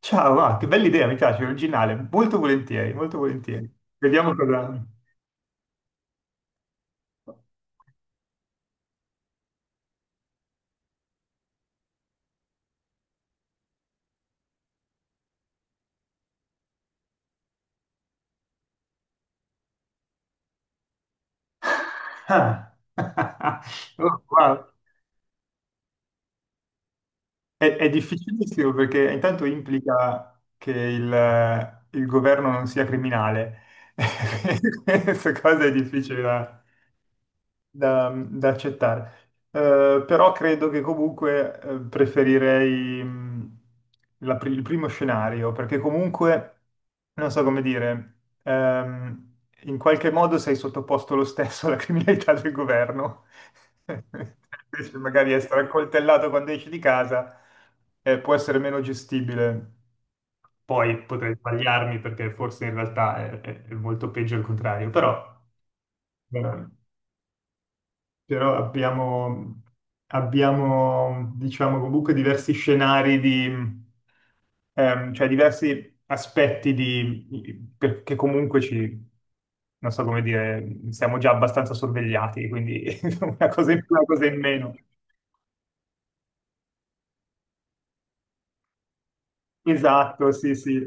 Ciao, ah, che bella idea, mi piace, originale. Molto volentieri, molto volentieri. Vediamo cosa. Ah. Oh, wow. È difficilissimo perché intanto implica che il governo non sia criminale. Questa cosa è difficile da accettare. Però credo che comunque preferirei il primo scenario, perché comunque, non so come dire, ehm, in qualche modo sei sottoposto lo stesso alla criminalità del governo. Invece magari essere accoltellato quando esci di casa può essere meno gestibile. Poi potrei sbagliarmi perché forse in realtà è molto peggio il contrario, però. ehm, Però abbiamo, diciamo, comunque diversi scenari di, cioè diversi aspetti di, perché comunque ci, non so come dire, siamo già abbastanza sorvegliati, quindi una cosa in più, una cosa in meno. Esatto, sì, sì.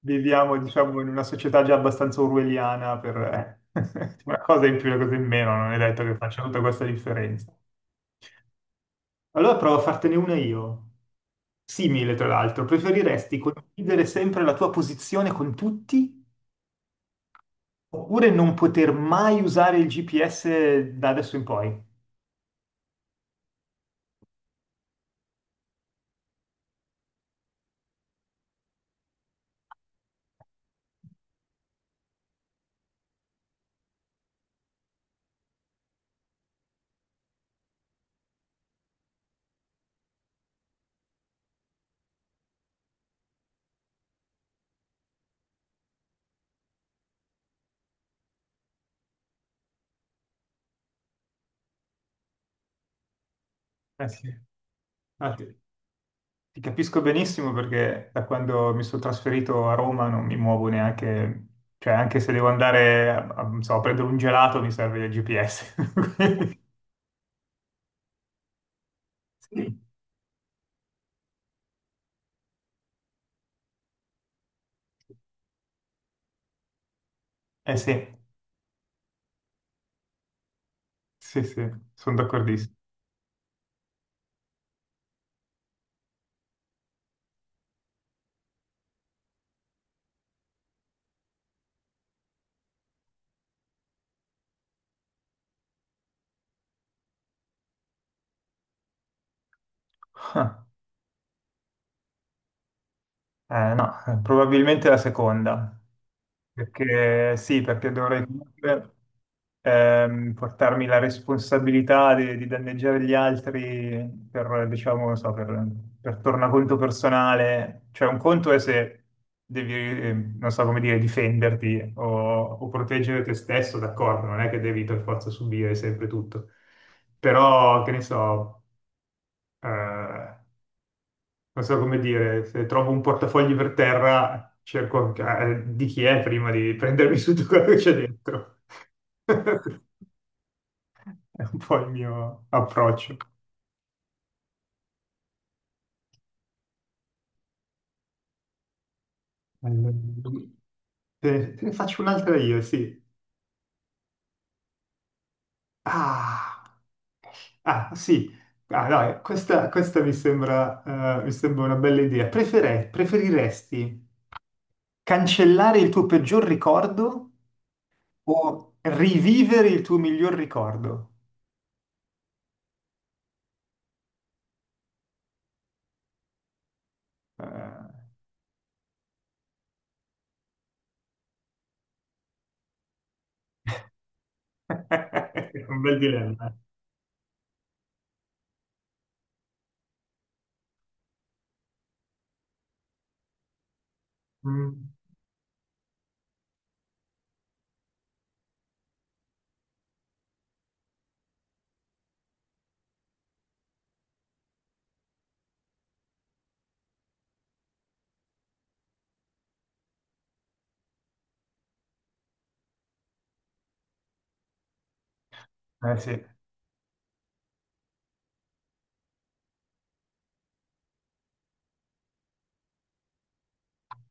Viviamo, diciamo, in una società già abbastanza orwelliana per eh, una cosa in più, una cosa in meno, non è detto che faccia tutta questa differenza. Allora provo a fartene una io. Simile, tra l'altro, preferiresti condividere sempre la tua posizione con tutti oppure non poter mai usare il GPS da adesso in poi? Eh sì, ah, ti capisco benissimo perché da quando mi sono trasferito a Roma non mi muovo neanche, cioè anche se devo andare non so, a prendere un gelato mi serve il GPS. Sì. Eh sì, sì, sì, sono d'accordissimo. No, probabilmente la seconda, perché sì, perché dovrei comunque portarmi la responsabilità di danneggiare gli altri per, diciamo, non so, per tornaconto personale. Cioè, un conto è se devi, non so come dire, difenderti o proteggere te stesso, d'accordo, non è che devi per forza subire sempre tutto. Però, che ne so, eh, non so come dire, se trovo un portafogli per terra, cerco di chi è prima di prendermi su tutto quello che c'è dentro. È un po' il mio approccio. Allora, te ne faccio un'altra io, sì. Ah, ah, sì. Ah, no, questa mi sembra una bella idea. Preferiresti cancellare il tuo peggior ricordo o rivivere il tuo miglior ricordo? Eh, un bel dilemma. Eh. Mm. Eh sì,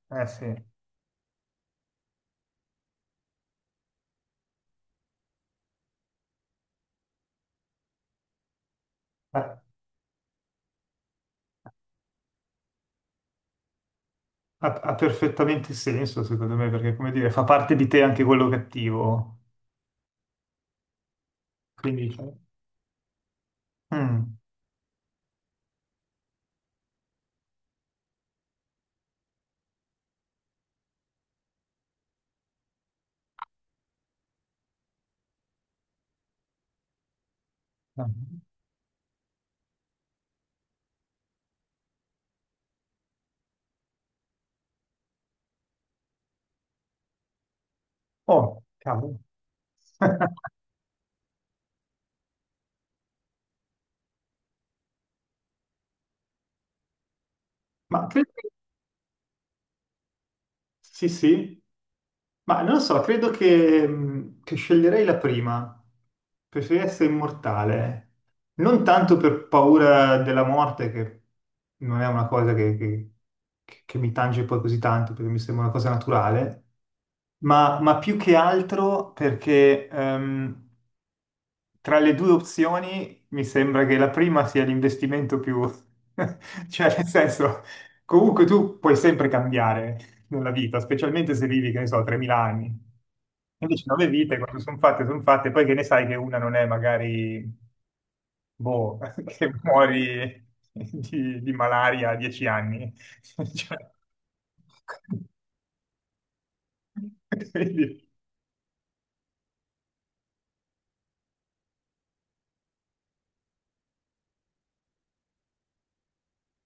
eh sì. Eh, ha perfettamente senso, secondo me, perché, come dire, fa parte di te anche quello cattivo. Quindi, cioè, mm. Eh. Oh, cavolo. Ma credo. Sì, sì. Ma non lo so, credo che sceglierei la prima. Preferirei essere immortale. Non tanto per paura della morte, che, non è una cosa che mi tange poi così tanto, perché mi sembra una cosa naturale, ma più che altro perché tra le due opzioni mi sembra che la prima sia l'investimento più. Cioè nel senso, comunque tu puoi sempre cambiare nella vita, specialmente se vivi, che ne so, 3.000 anni. Invece nove vite, quando sono fatte, poi che ne sai che una non è magari, boh, che muori di malaria a 10 anni. Cioè, quindi,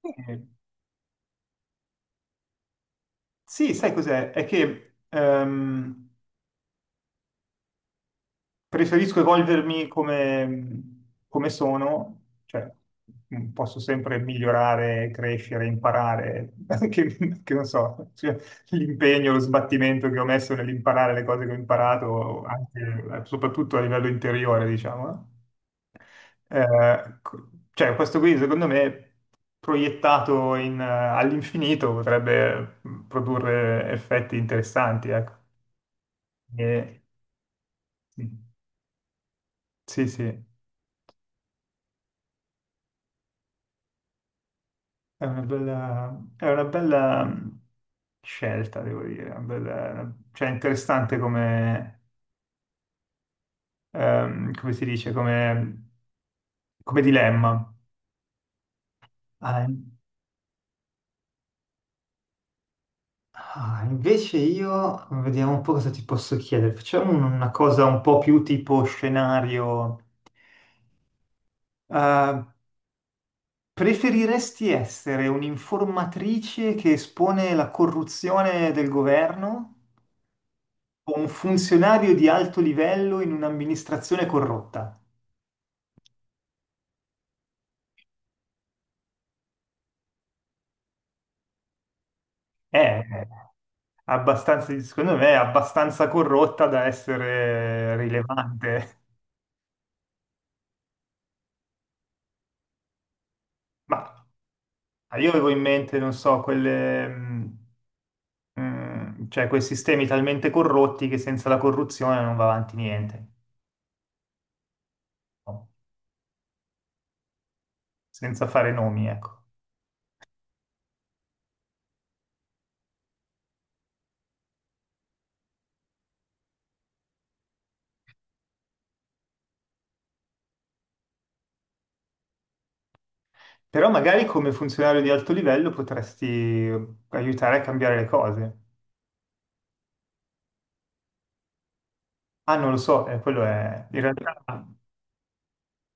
eh, sì, sai cos'è? È che preferisco evolvermi come sono, cioè posso sempre migliorare, crescere, imparare, che non so, cioè, l'impegno, lo sbattimento che ho messo nell'imparare le cose che ho imparato, anche, soprattutto a livello interiore, diciamo, no? Cioè, questo qui, secondo me, proiettato in, all'infinito potrebbe produrre effetti interessanti, ecco. E- sì, sì. È una bella, scelta, devo dire. Cioè, interessante come, come si dice, come dilemma. Ah, invece io vediamo un po' cosa ti posso chiedere. Facciamo una cosa un po' più tipo scenario. Eh, preferiresti essere un'informatrice che espone la corruzione del governo o un funzionario di alto livello in un'amministrazione corrotta? È abbastanza, secondo me, è abbastanza corrotta da essere rilevante. Ma io avevo in mente, non so, quelle, cioè quei sistemi talmente corrotti che senza la corruzione non va avanti niente, no? Senza fare nomi, ecco. Però magari come funzionario di alto livello potresti aiutare a cambiare le cose. Ah, non lo so, quello è, in realtà,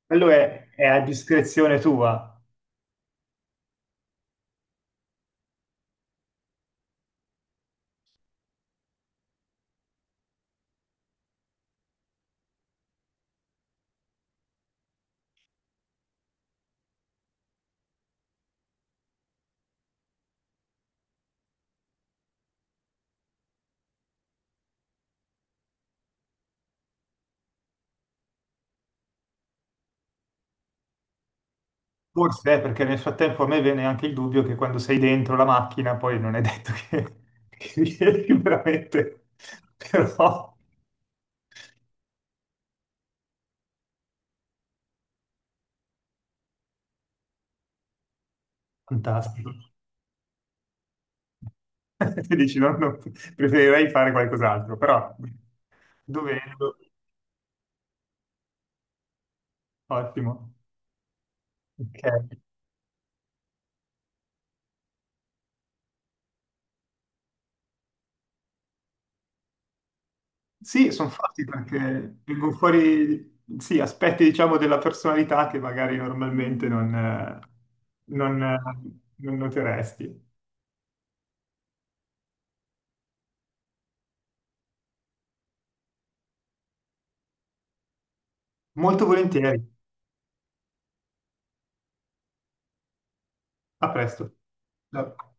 quello è a discrezione tua. Forse è perché nel frattempo a me viene anche il dubbio che quando sei dentro la macchina poi non è detto che, che riesci veramente, però fantastico. Ti dici, no, no, preferirei fare qualcos'altro, però dovendo, ottimo. Ok. Sì, sono fatti perché vengono fuori sì, aspetti, diciamo, della personalità che magari normalmente non, eh, non noteresti. Molto volentieri. A presto. Ciao.